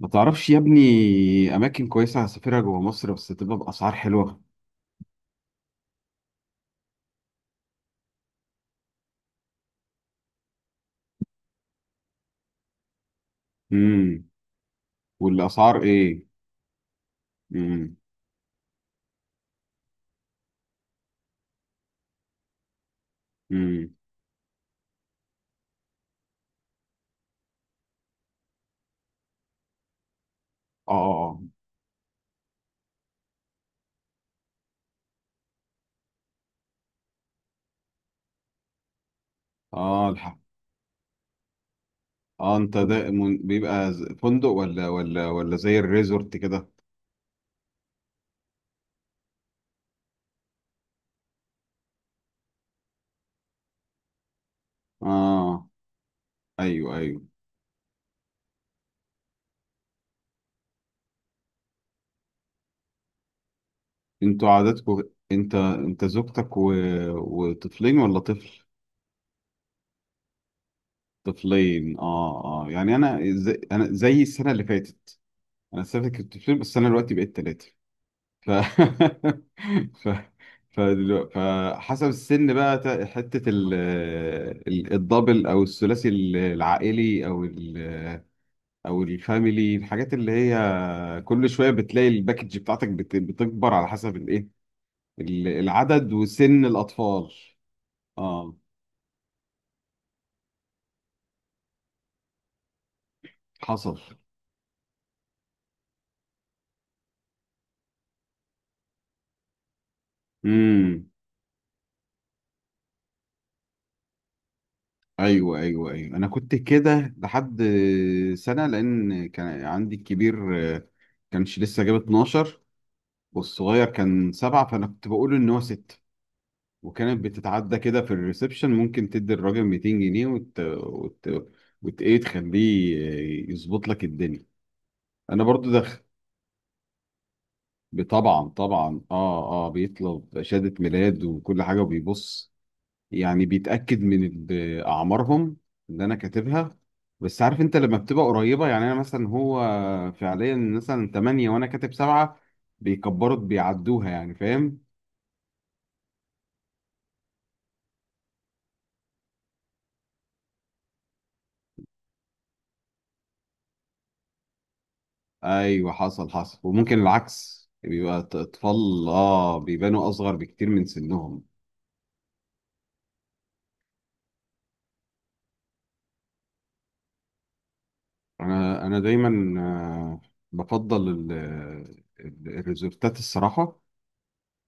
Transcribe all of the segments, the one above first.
ما تعرفش يا ابني اماكن كويسه هسافرها جوه مصر بس تبقى باسعار حلوه. امم والاسعار ايه؟ امم امم اه، اه، اه، اه، الحق. اه، انت ده بيبقى فندق ولا زي الريزورت كده؟ اه، ايوه، ايوه. انتوا عاداتكم. انت زوجتك وطفلين ولا طفل؟ طفلين، اه، اه. يعني انا زي السنه اللي فاتت. انا السنه اللي فاتت كنت طفلين، بس انا دلوقتي بقيت ثلاثه. ف ف... فحسب السن بقى، حتة الدبل أو الثلاثي، العائلي أو أو الفاميلي. الحاجات اللي هي كل شوية بتلاقي الباكج بتاعتك بتكبر على حسب الإيه، العدد وسن الأطفال. آه حصل. امم ايوه، ايوه، ايوه، انا كنت كده لحد سنه، لان كان عندي الكبير كانش لسه جاب 12 والصغير كان 7، فانا كنت بقول ان هو 6، وكانت بتتعدى كده في الريسبشن. ممكن تدي الراجل 200 جنيه ايه، تخليه يظبط لك الدنيا. انا برضو دخل. طبعا، طبعا، اه، اه، بيطلب شهادة ميلاد وكل حاجة، وبيبص يعني بيتأكد من اعمارهم اللي انا كاتبها. بس عارف انت لما بتبقى قريبة، يعني انا مثلا هو فعليا مثلا 8 وانا كاتب 7، بيكبروا بيعدوها، يعني فاهم. ايوه، حصل، حصل. وممكن العكس، بيبقى اطفال اه بيبانوا اصغر بكتير من سنهم. انا دايما بفضل الريزورتات الصراحه،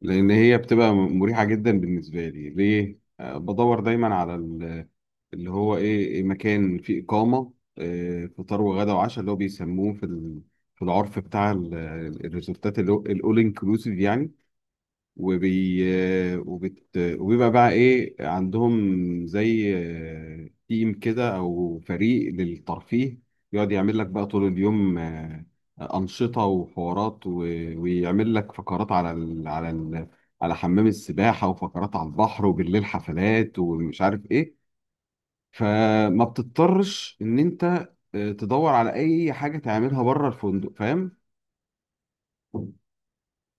لان هي بتبقى مريحه جدا بالنسبه لي. ليه؟ بدور دايما على اللي هو ايه، إيه، مكان فيه اقامه، فطار وغدا وعشاء، اللي هو بيسموه في في العرف بتاع الريزورتات، الاول انكلوسيف يعني. وبي وبيبقى بقى ايه عندهم زي تيم كده او فريق للترفيه، يقعد يعمل لك بقى طول اليوم أنشطة وحوارات ويعمل لك فقرات على على حمام السباحة، وفقرات على البحر، وبالليل حفلات ومش عارف ايه. فما بتضطرش ان انت تدور على اي حاجة تعملها بره الفندق، فاهم؟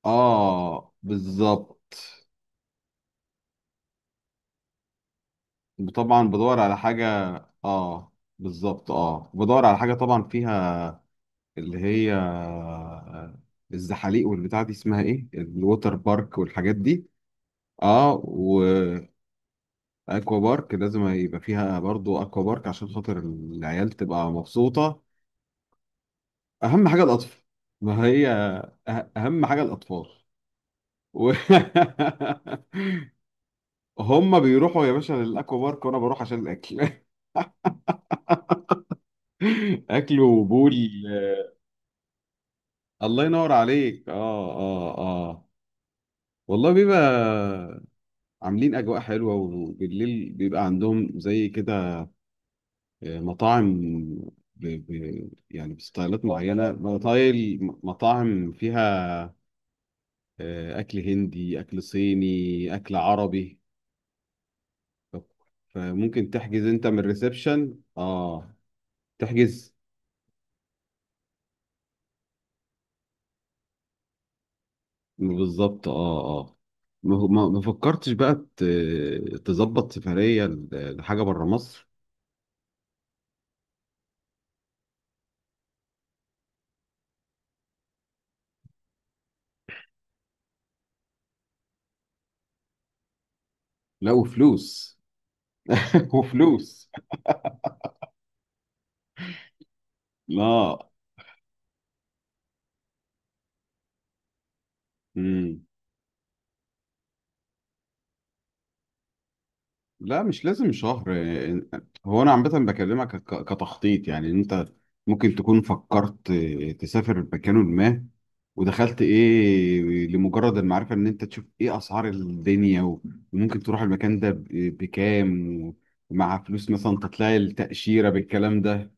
اه، بالظبط. طبعا بدور على حاجة. اه، بالظبط، اه، بدور على حاجه طبعا فيها اللي هي الزحاليق والبتاع دي، اسمها ايه، الووتر بارك والحاجات دي. اه، واكوا بارك، لازم يبقى فيها برضو اكوا بارك عشان خاطر العيال تبقى مبسوطه. اهم حاجه الاطفال. ما هي اهم حاجه الاطفال. و... هم بيروحوا يا باشا للاكوا بارك، وانا بروح عشان الاكل. اكل وبول. الله ينور عليك، اه، اه، اه. والله بيبقى عاملين أجواء حلوة، وبالليل بيبقى عندهم زي كده مطاعم، يعني بستايلات معينة، مطايل مطاعم فيها أكل هندي، أكل صيني، أكل عربي. ف- فممكن تحجز أنت من الريسبشن، آه، تحجز. بالظبط، آه، آه. ما فكرتش بقى تظبط سفرية لحاجة بره مصر؟ لا، وفلوس. وفلوس. لا. مم. لا، مش لازم شهر يعني. هو انا عامه بكلمك كتخطيط، يعني إن انت ممكن تكون فكرت تسافر مكان ما، ودخلت ايه لمجرد المعرفه ان انت تشوف ايه اسعار الدنيا، وممكن تروح المكان ده بكام، ومع فلوس مثلا تطلع التاشيره بالكلام ده.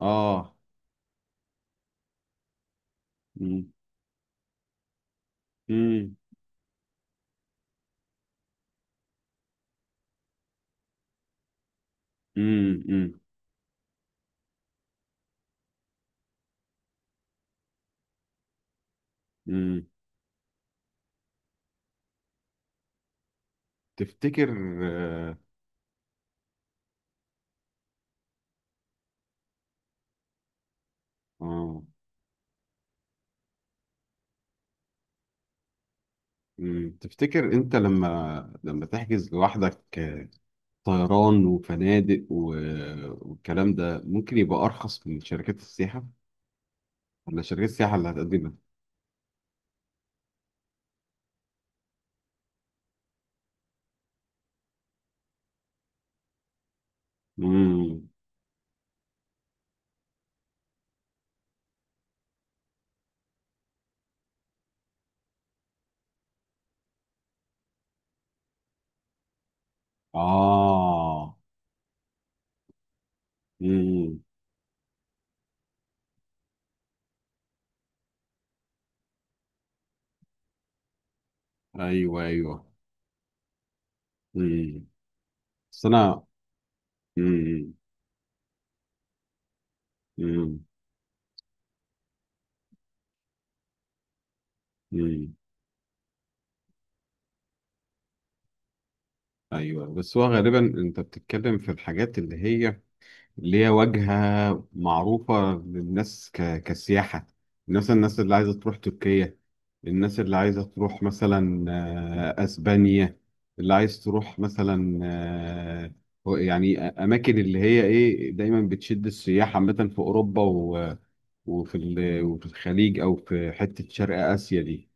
اه. امم امم امم امم تفتكر؟ اه، آه، مم. تفتكر انت لما، تحجز لوحدك طيران وفنادق والكلام ده، ممكن يبقى أرخص من شركات السياحة، ولا شركات السياحة اللي هتقدمها؟ امم آه امم أيوه، أيوه. امم بس أنا. امم امم امم أيوه، بس هو غالبا أنت بتتكلم في الحاجات اللي هي ليها واجهة معروفة للناس كسياحة، مثلا الناس اللي عايزة تروح تركيا، الناس اللي عايزة تروح مثلا أسبانيا، اللي عايز تروح مثلا يعني أماكن اللي هي إيه دايما بتشد السياح عامة في أوروبا وفي وفي الخليج أو في حتة شرق آسيا دي.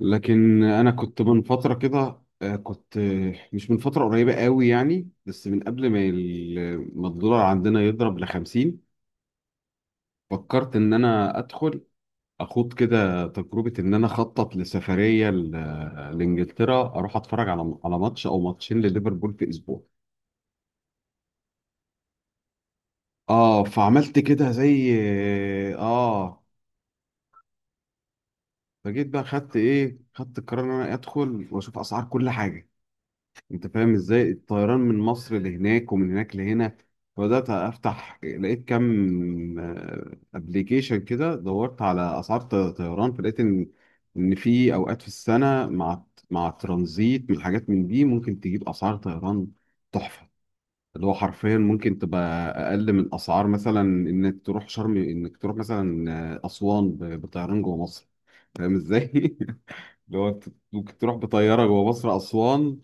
لكن انا كنت من فتره كده، آه، كنت آه، مش من فتره قريبه قوي يعني، بس من قبل ما الدولار عندنا يضرب ل 50، فكرت ان انا ادخل، اخوض كده تجربه ان انا اخطط لسفريه لانجلترا، اروح اتفرج على ماتش او ماتشين لليفربول في اسبوع. اه، فعملت كده زي، اه، فجيت بقى، خدت ايه، خدت القرار ان انا ادخل واشوف اسعار كل حاجه. انت فاهم ازاي الطيران من مصر لهناك ومن هناك لهنا. فبدات افتح، لقيت كام ابلكيشن كده، دورت على اسعار طيران، فلقيت ان في اوقات في السنه مع الترانزيت بالحاجات من دي، ممكن تجيب اسعار طيران تحفه، اللي هو حرفيا ممكن تبقى اقل من اسعار مثلا انك تروح شرم، انك تروح مثلا اسوان بطيران جوه مصر. فاهم ازاي؟ اللي هو انت ممكن تروح بطياره جوه مصر اسوان،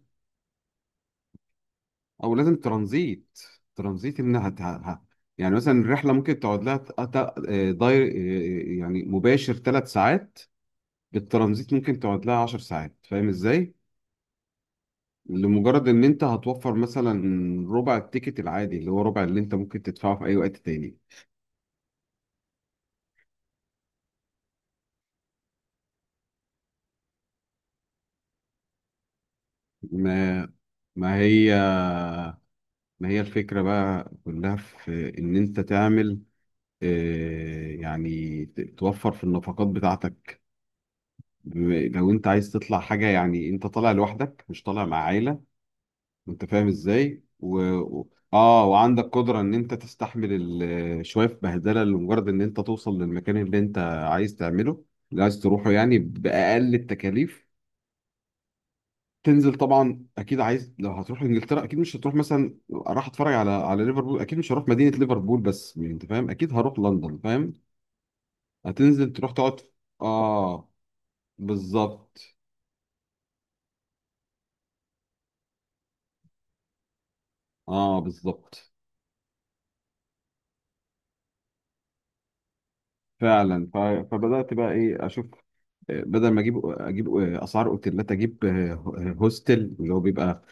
او لازم ترانزيت. ترانزيت ان يعني مثلا الرحله ممكن تقعد لها ت- ت- آه، داير آه، آه، يعني مباشر 3 ساعات، بالترانزيت ممكن تقعد لها 10 ساعات. فاهم ازاي؟ لمجرد ان انت هتوفر مثلا ربع التيكت العادي، اللي هو ربع اللي انت ممكن تدفعه في اي وقت تاني. ما ما هي ما هي الفكره بقى كلها في ان انت تعمل، يعني توفر في النفقات بتاعتك. لو انت عايز تطلع حاجه، يعني انت طالع لوحدك، مش طالع مع عائله. انت فاهم ازاي اه، وعندك قدرة ان انت تستحمل شوية بهدلة لمجرد ان انت توصل للمكان اللي انت عايز تعمله، اللي عايز تروحه، يعني بأقل التكاليف. تنزل، طبعا اكيد عايز، لو هتروح انجلترا اكيد مش هتروح مثلا، راح اتفرج على ليفربول، اكيد مش هروح مدينة ليفربول بس، يعني انت فاهم، اكيد هروح لندن، فاهم. هتنزل تروح تقعد اه، بالظبط. اه، بالظبط، فعلا. فبدأت بقى ايه اشوف، بدل ما اجيب اسعار اوتيلات، اجيب هوستل، اللي هو بيبقى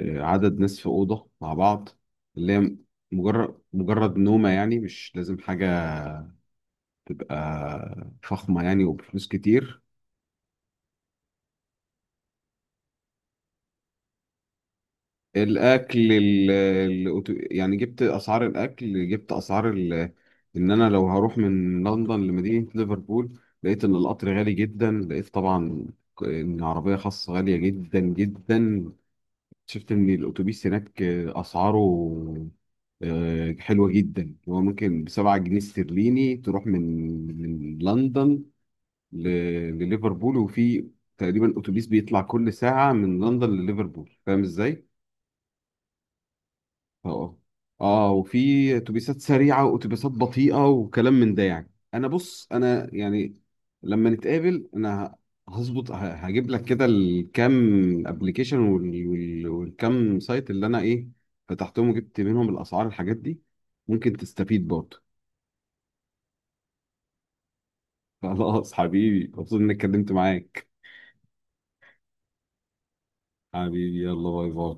عدد ناس في اوضه مع بعض، اللي هي مجرد نومه يعني، مش لازم حاجه تبقى فخمه يعني وبفلوس كتير. الاكل يعني جبت اسعار الاكل، جبت اسعار ان انا لو هروح من لندن لمدينه ليفربول، لقيت ان القطر غالي جدا، لقيت طبعا ان عربيه خاصه غاليه جدا جدا، شفت ان الاتوبيس هناك اسعاره حلوه جدا. هو ممكن بـ 7 جنيه استرليني تروح من لندن ل- لليفربول. وفي تقريبا اتوبيس بيطلع كل ساعه من لندن لليفربول، فاهم ازاي؟ اه، اه. وفي اتوبيسات سريعه واتوبيسات بطيئه وكلام من ده. يعني انا، بص، انا يعني لما نتقابل انا هظبط، هجيب لك كده الكام ابلكيشن والكام سايت اللي انا ايه فتحتهم، وجبت منهم الاسعار، الحاجات دي ممكن تستفيد برضه. خلاص حبيبي، مبسوط اني اتكلمت معاك. حبيبي، يلا، باي، باي.